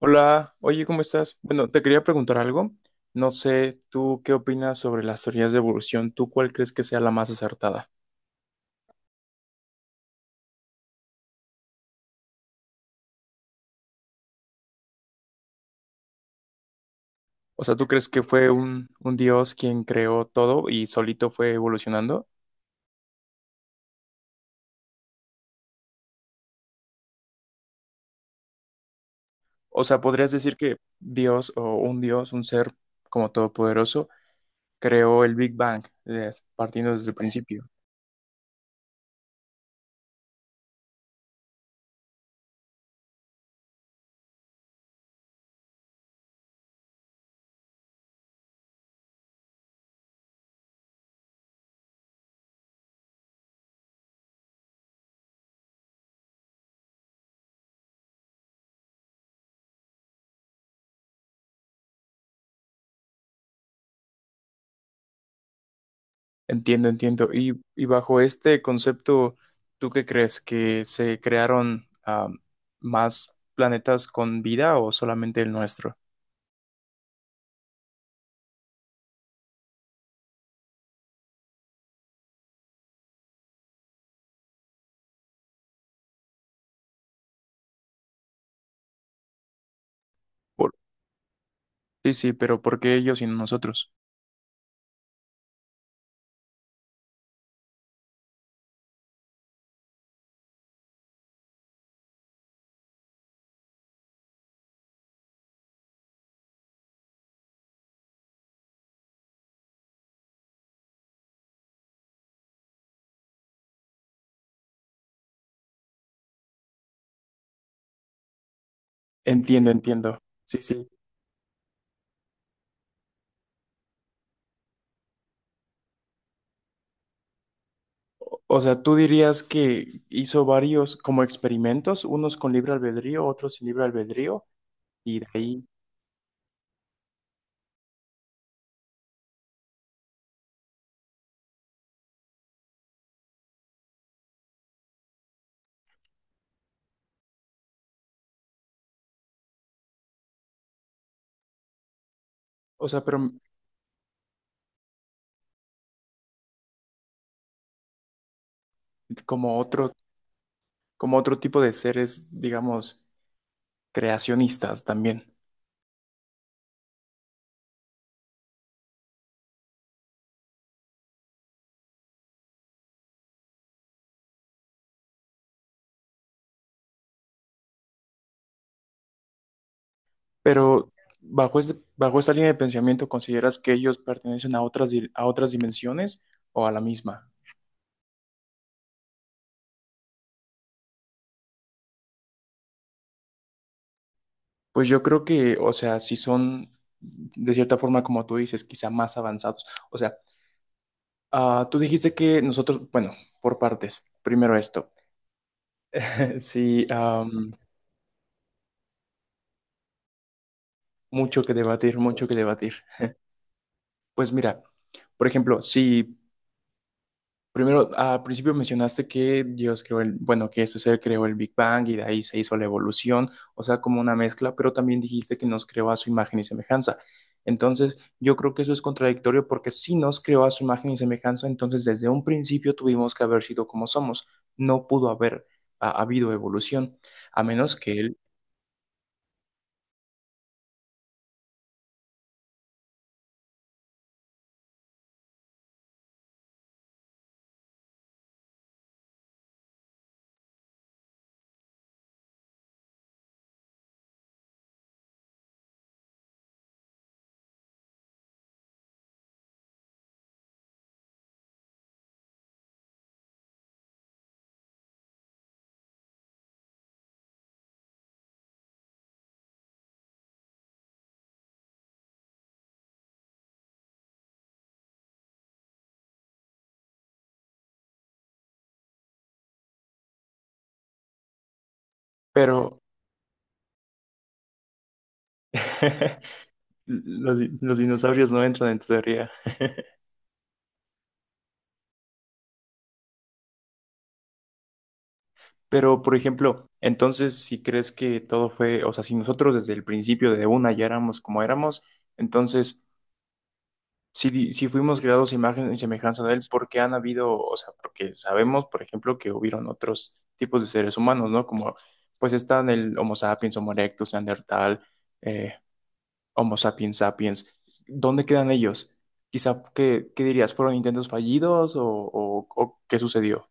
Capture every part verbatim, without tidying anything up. Hola, oye, ¿cómo estás? Bueno, te quería preguntar algo. No sé, ¿tú qué opinas sobre las teorías de evolución? ¿Tú cuál crees que sea la más acertada? O sea, ¿tú crees que fue un, un dios quien creó todo y solito fue evolucionando? O sea, ¿podrías decir que Dios o un dios, un ser como todopoderoso, creó el Big Bang, eh, partiendo desde el principio? Entiendo, entiendo. Y, y bajo este concepto, ¿tú qué crees? ¿Que se crearon ah, más planetas con vida o solamente el nuestro? Por- sí, sí, pero ¿por qué ellos y no nosotros? Entiendo, entiendo. Sí, sí. O, o sea, tú dirías que hizo varios como experimentos, unos con libre albedrío, otros sin libre albedrío, y de ahí, o sea, pero como otro, como otro tipo de seres, digamos, creacionistas también. Pero bajo este, bajo esta línea de pensamiento, ¿consideras que ellos pertenecen a otras, di- a otras dimensiones o a la misma? Pues yo creo que, o sea, si son de cierta forma, como tú dices, quizá más avanzados. O sea, ah, tú dijiste que nosotros, bueno, por partes, primero esto. Sí, am, mucho que debatir, mucho que debatir. Pues mira, por ejemplo, si primero, ah, al principio mencionaste que Dios creó el, bueno, que este ser creó el Big Bang y de ahí se hizo la evolución, o sea, como una mezcla, pero también dijiste que nos creó a su imagen y semejanza. Entonces, yo creo que eso es contradictorio porque si nos creó a su imagen y semejanza, entonces desde un principio tuvimos que haber sido como somos. No pudo haber ah, habido evolución, a menos que él, pero los, di- los dinosaurios no entran en tu teoría. Pero, por ejemplo, entonces, si crees que todo fue, o sea, si nosotros desde el principio, desde una, ya éramos como éramos, entonces, si, si fuimos creados a imagen y semejanza de él, ¿por qué han habido, o sea, porque sabemos, por ejemplo, que hubieron otros tipos de seres humanos, ¿no? Como, pues están el Homo sapiens, Homo erectus, Neandertal, eh, Homo sapiens sapiens. ¿Dónde quedan ellos? Quizá, ¿qué, qué dirías? ¿Fueron intentos fallidos o, o o qué sucedió?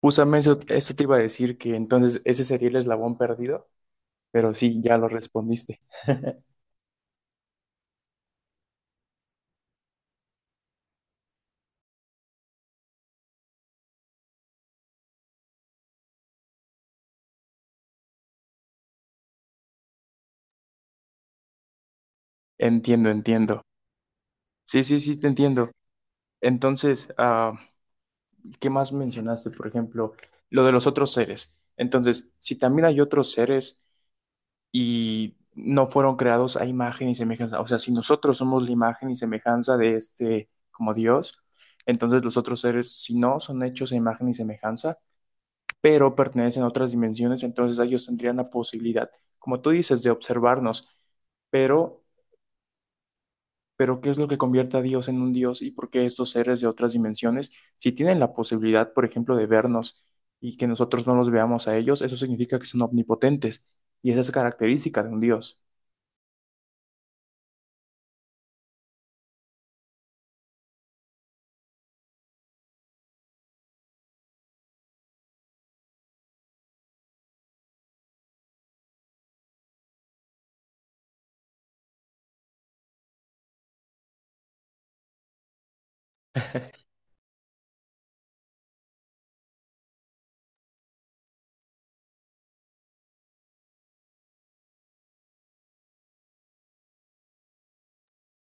Justamente eso, eso te iba a decir que entonces ese sería el eslabón perdido, pero sí, ya lo respondiste. Entiendo, entiendo. Sí, sí, sí, te entiendo. Entonces, ah, ¿qué más mencionaste? Por ejemplo, lo de los otros seres. Entonces, si también hay otros seres y no fueron creados a imagen y semejanza, o sea, si nosotros somos la imagen y semejanza de este como Dios, entonces los otros seres, si no son hechos a imagen y semejanza, pero pertenecen a otras dimensiones, entonces ellos tendrían la posibilidad, como tú dices, de observarnos, pero, pero ¿qué es lo que convierte a Dios en un Dios y por qué estos seres de otras dimensiones, si tienen la posibilidad, por ejemplo, de vernos y que nosotros no los veamos a ellos, eso significa que son omnipotentes y esa es característica de un Dios.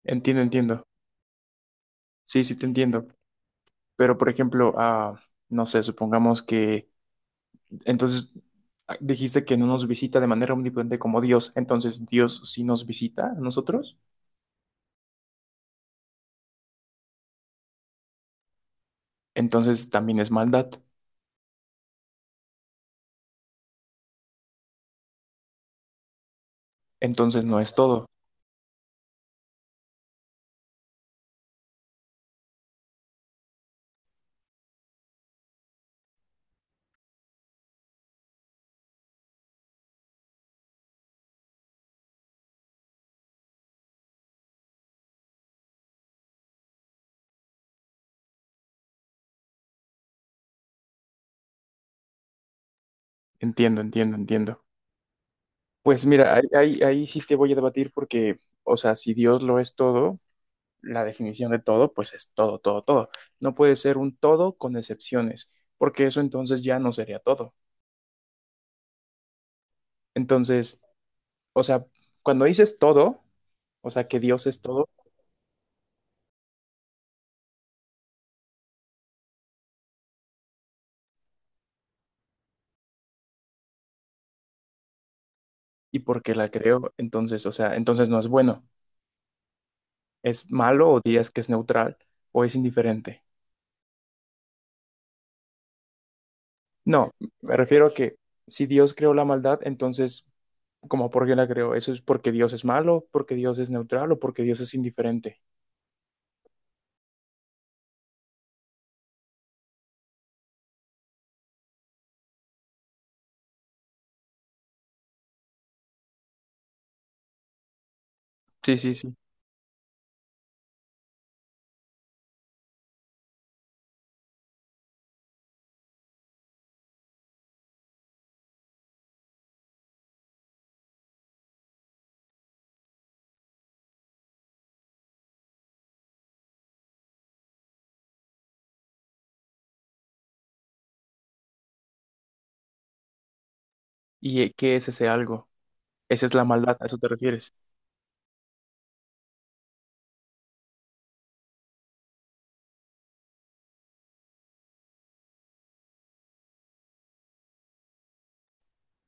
Entiendo, entiendo. Sí, sí te entiendo. Pero, por ejemplo, ah, no sé, supongamos que entonces, ah, dijiste que no nos visita de manera omnipotente como Dios, entonces Dios sí nos visita a nosotros, entonces también es maldad, entonces no es todo. Entiendo, entiendo, entiendo. Pues mira, ahí, ahí, ahí sí te voy a debatir porque, o sea, si Dios lo es todo, la definición de todo, pues es todo, todo, todo. No puede ser un todo con excepciones, porque eso entonces ya no sería todo. Entonces, o sea, cuando dices todo, o sea, que Dios es todo y porque la creó, entonces, o sea, entonces no es bueno. Es malo o dirías que es neutral o es indiferente. No, me refiero a que si Dios creó la maldad, entonces, ¿cómo por qué la creó? ¿Eso es porque Dios es malo, porque Dios es neutral o porque Dios es indiferente? Sí, sí, sí. ¿Y eh, qué es ese algo? Esa es la maldad, ¿a eso te refieres?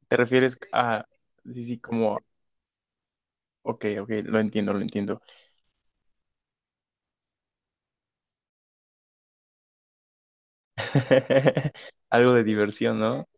¿Te refieres a... Sí, sí, como... Ok, ok, lo entiendo, lo entiendo. Algo de diversión, ¿no?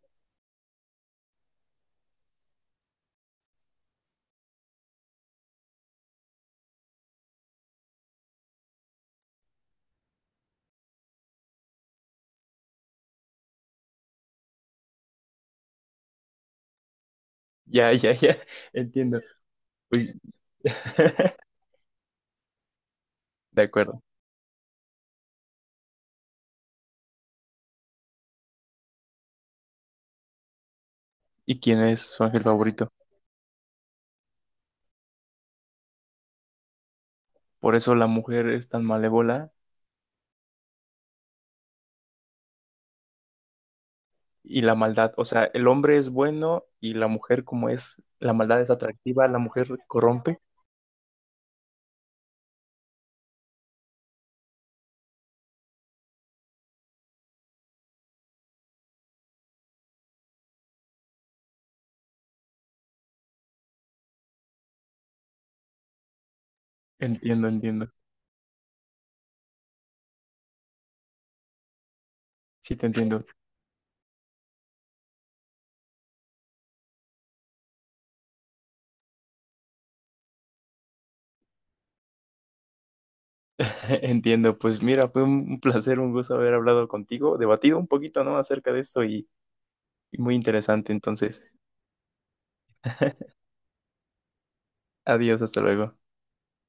Ya, ya, ya, entiendo. Pues, de acuerdo. ¿Y quién es su ángel favorito? Por eso la mujer es tan malévola y la maldad, o sea, el hombre es bueno y la mujer como es, la maldad es atractiva, la mujer corrompe. Entiendo, entiendo. Sí, te entiendo. Entiendo. Pues mira, fue un un placer, un gusto haber hablado contigo, debatido un poquito, ¿no? acerca de esto y, y muy interesante. Entonces, adiós, hasta luego.